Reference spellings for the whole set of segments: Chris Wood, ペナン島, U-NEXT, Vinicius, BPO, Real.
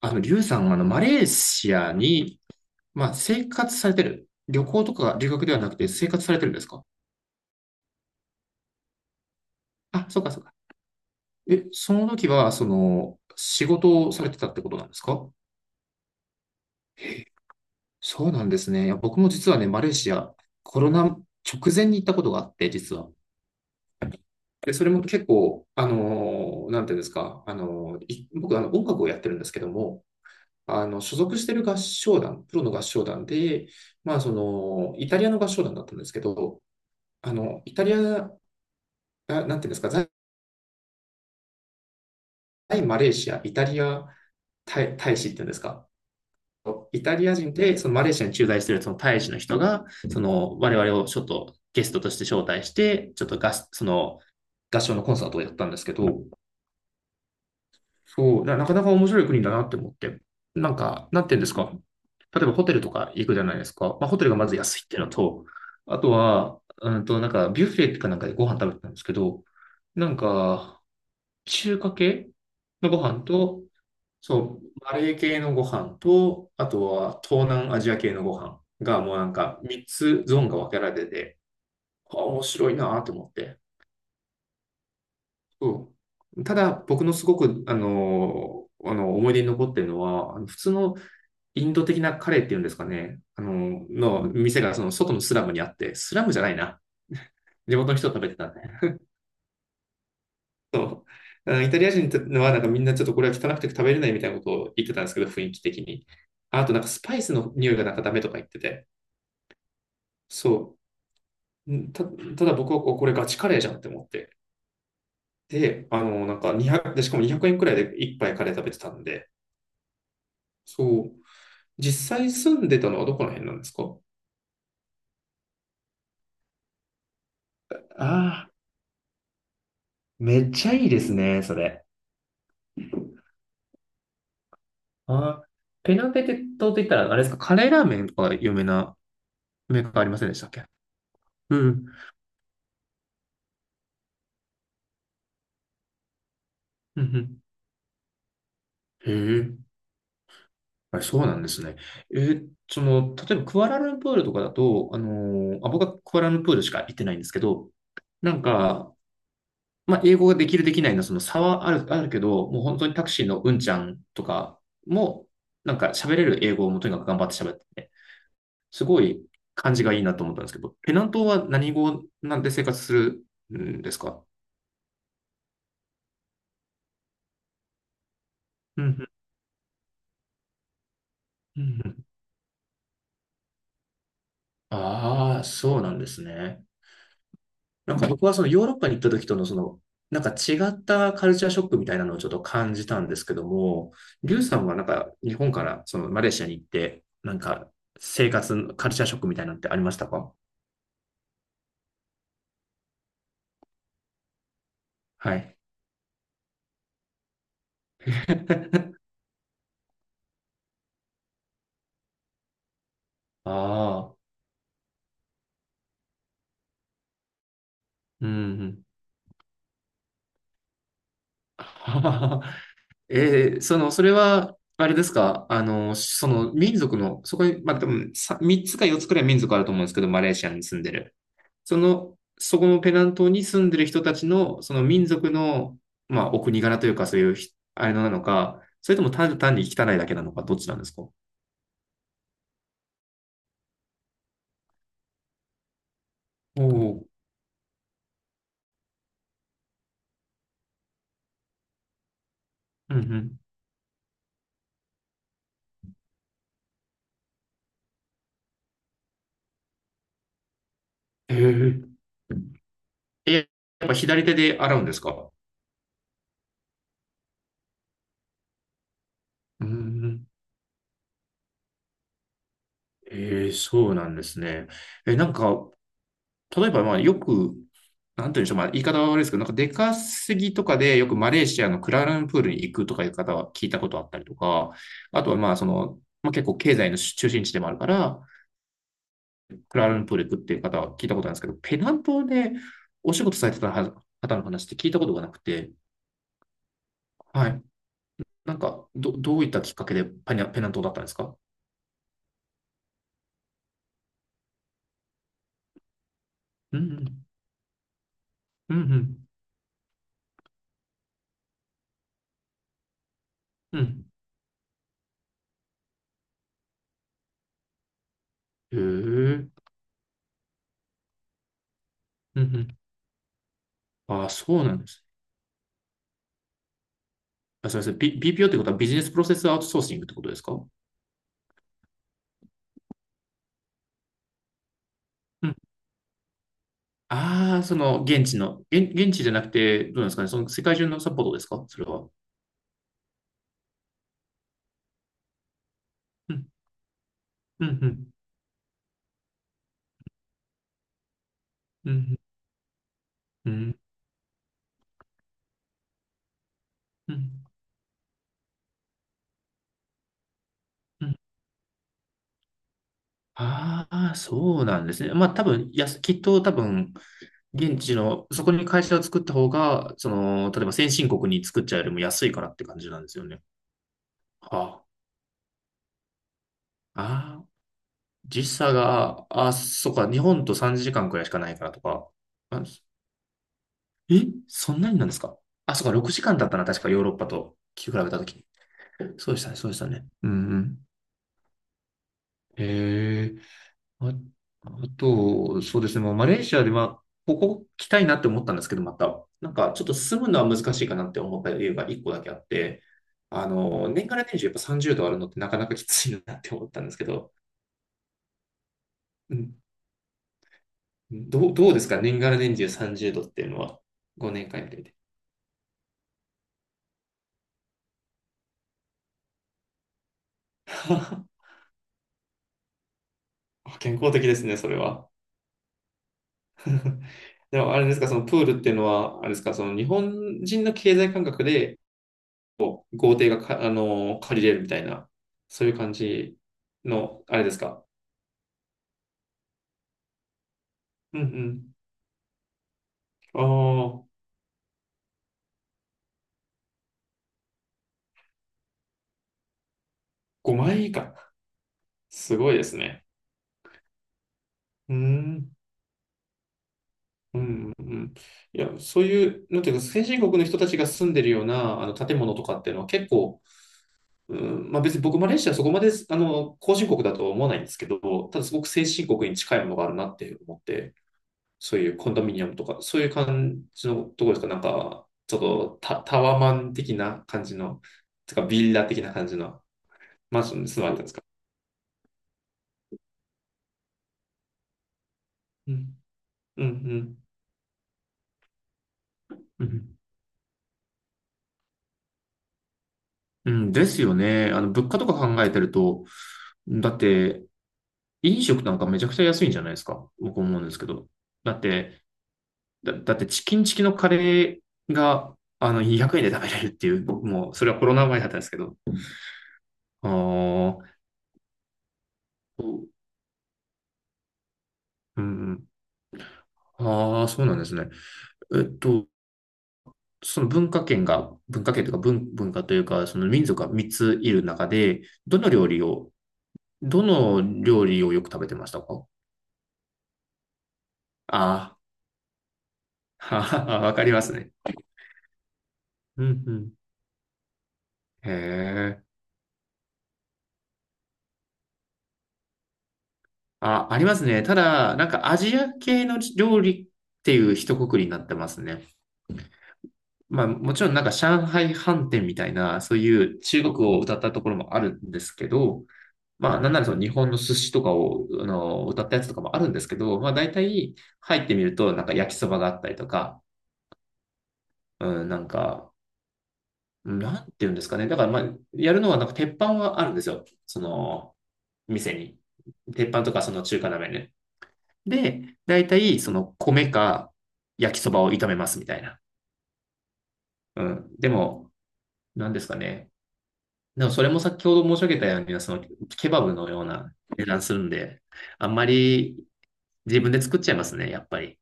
リュウさんはマレーシアに、まあ、生活されてる。旅行とか留学ではなくて生活されてるんですか？あ、そうかそうか。え、その時は、その、仕事をされてたってことなんですか？そうなんですね。いや、僕も実はね、マレーシア、コロナ直前に行ったことがあって、実は。で、それも結構、あのーなんていうんですか、あのーい僕、音楽をやってるんですけども、所属してる合唱団、プロの合唱団で、まあ、その、イタリアの合唱団だったんですけど、あの、イタリア、な、なんていうんですか、在マレーシア、イタリア大、大使っていうんですか。イタリア人で、そのマレーシアに駐在しているその大使の人が、その我々をちょっとゲストとして招待して、ちょっと合、その合唱のコンサートをやったんですけど、そう、なかなか面白い国だなって思って、なんか、なんていうんですか。例えばホテルとか行くじゃないですか。まあ、ホテルがまず安いっていうのと、あとは、うんと、なんかビュッフェかなんかでご飯食べてたんですけど、なんか、中華系のご飯と、そう、マレー系のご飯と、あとは東南アジア系のご飯がもうなんか3つゾーンが分けられてて、あ、面白いなと思って。そう。ただ、僕のすごく、思い出に残ってるのは、あの普通のインド的なカレーっていうんですかね、店がその外のスラムにあって、スラムじゃないな。地元の人が食べてたね。そう。あのイタリア人はなんかみんなちょっとこれは汚くて食べれないみたいなことを言ってたんですけど、雰囲気的に。あとなんかスパイスの匂いがなんかダメとか言ってて。そう。ただ僕はこれガチカレーじゃんって思って。で、なんか2 0で、しかも200円くえんくらいで一杯カレー食べてたんで。そう。実際住んでたのはどこの辺なんですか？ああ、めっちゃいいですね、それ。ああ、ペナン島って言ったら、あれですか、カレーラーメンとか有名なメーカーありませんでしたっけ？うん。うんうん。へえ。はい、そうなんですね。え、その、例えばクアラルンプールとかだと、僕はクアラルンプールしか行ってないんですけど、なんか、まあ、英語ができるできないのその差はあるけど、もう本当にタクシーのうんちゃんとかも、なんか喋れる英語をもうとにかく頑張って喋ってて、すごい感じがいいなと思ったんですけど、ペナン島は何語なんで生活するんですか？うんうんうん。うん。ああ、そうなんですね。なんか僕はそのヨーロッパに行った時とのその、なんか違ったカルチャーショックみたいなのをちょっと感じたんですけども、リュウさんはなんか日本からそのマレーシアに行って、なんか生活、カルチャーショックみたいなのってありましたか？はい。ああ、うん。えー、その、それは、あれですか、その民族の、そこに、まあ、多分さ3つか4つくらい民族あると思うんですけど、マレーシアに住んでる。その、そこのペナン島に住んでる人たちの、その民族の、まあ、お国柄というか、そういうあれなのか、それとも単に汚いだけなのか、どっちなんですか？おおー。うんうん。ええ。え、やっぱ左手で洗うんですか？うんうん。ええ、そうなんですね。え、なんか、例えば、まあ、よく、なんて言うんでしょう、まあ、言い方は悪いですけど、なんか出稼ぎとかでよくマレーシアのクアラルンプールに行くとかいう方は聞いたことあったりとか、あとはまあ、その、まあ、結構経済の中心地でもあるから、クアラルンプール行くっていう方は聞いたことあるんですけど、ペナン島でお仕事されてた方の話って聞いたことがなくて、はい。なんか、どういったきっかけでペナン島だったんですか？うんうん、うんうん、うん。へえ、うんうん。ああ、そうなんです。あ、そうです。BPO ってことはビジネスプロセスアウトソーシングってことですか？うん。ああ、その現地の、現地じゃなくて、どうなんですかね。その世界中のサポートですかそれは。うん、うん、うん、うん、うん、うん。ああそうなんですね。まあ多分、やす、きっと多分、現地の、そこに会社を作った方が、その、例えば先進国に作っちゃうよりも安いからって感じなんですよね。ああ、ああ、時差が、あ、そうか、日本と3時間くらいしかないからとか。え、そんなになんですか？あ、そうか、6時間だったな、確かヨーロッパと聞き比べたとき。そうでしたね、そうでしたね。うんうん。ええ。あ、あと、そうですね、まあ、マレーシアで、まあ、ここ来たいなって思ったんですけど、また、なんかちょっと住むのは難しいかなって思った理由が1個だけあって、あの、年がら年中やっぱ30度あるのってなかなかきついなって思ったんですけど、うん、どうですか年がら年中30度っていうのは、5年間やってみて。健康的ですね、それは。でもあれですか、そのプールっていうのは、あれですか、その日本人の経済感覚で豪邸がか、あのー借りれるみたいな、そういう感じの、あれですか。うんうん。ああ、5万円以下。すごいですね。うーん。うんうんうん。いや、そういう、なんていうか、先進国の人たちが住んでるような、あの、建物とかっていうのは結構、うん、まあ別に僕、マレーシアはそこまで、あの、後進国だとは思わないんですけど、ただすごく先進国に近いものがあるなって思って、そういうコンドミニアムとか、そういう感じのところですかなんか、ちょっとタ、タワマン的な感じの、てかビラ的な感じのマンションに住まれたんですか？うん、うん、うん、うん。うんですよね。あの、物価とか考えてると、だって、飲食なんかめちゃくちゃ安いんじゃないですか。僕思うんですけど。だって、だってチキンチキのカレーが、あの、200円で食べれるっていう、僕も、それはコロナ前だったんですけど。ああ、うん、うん。ああ、そうなんですね。えっと、その文化圏が、文化圏というか文化というか、その民族が3ついる中で、どの料理を、どの料理をよく食べてましたか？ああ、わかりますね。うんうん。へえ。あ、ありますね。ただ、なんかアジア系の料理っていう一括りになってますね。まあもちろんなんか上海飯店みたいな、そういう中国を歌ったところもあるんですけど、まあ、なんならその日本の寿司とかを、あの、歌ったやつとかもあるんですけど、まあ、大体入ってみると、なんか焼きそばがあったりとか、うん、なんか、なんて言うんですかね。だから、まあ、やるのは、なんか鉄板はあるんですよ。その、店に。鉄板とか、その中華鍋ね。で、大体、その、米か焼きそばを炒めますみたいな。うん。でも、なんですかね。でも、それも先ほど申し上げたように、その、ケバブのような値段するんで、あんまり自分で作っちゃいますね、やっぱり。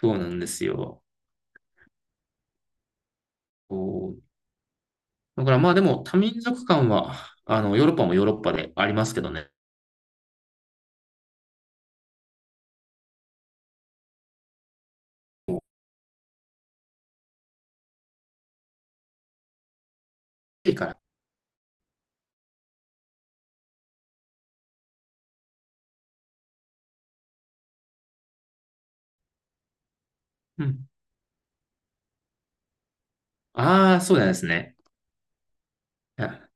そうなんですよ。そう。だからまあでも多民族間は、あの、ヨーロッパもヨーロッパでありますけどね。いいから。うん。ああ、そうなんですね。い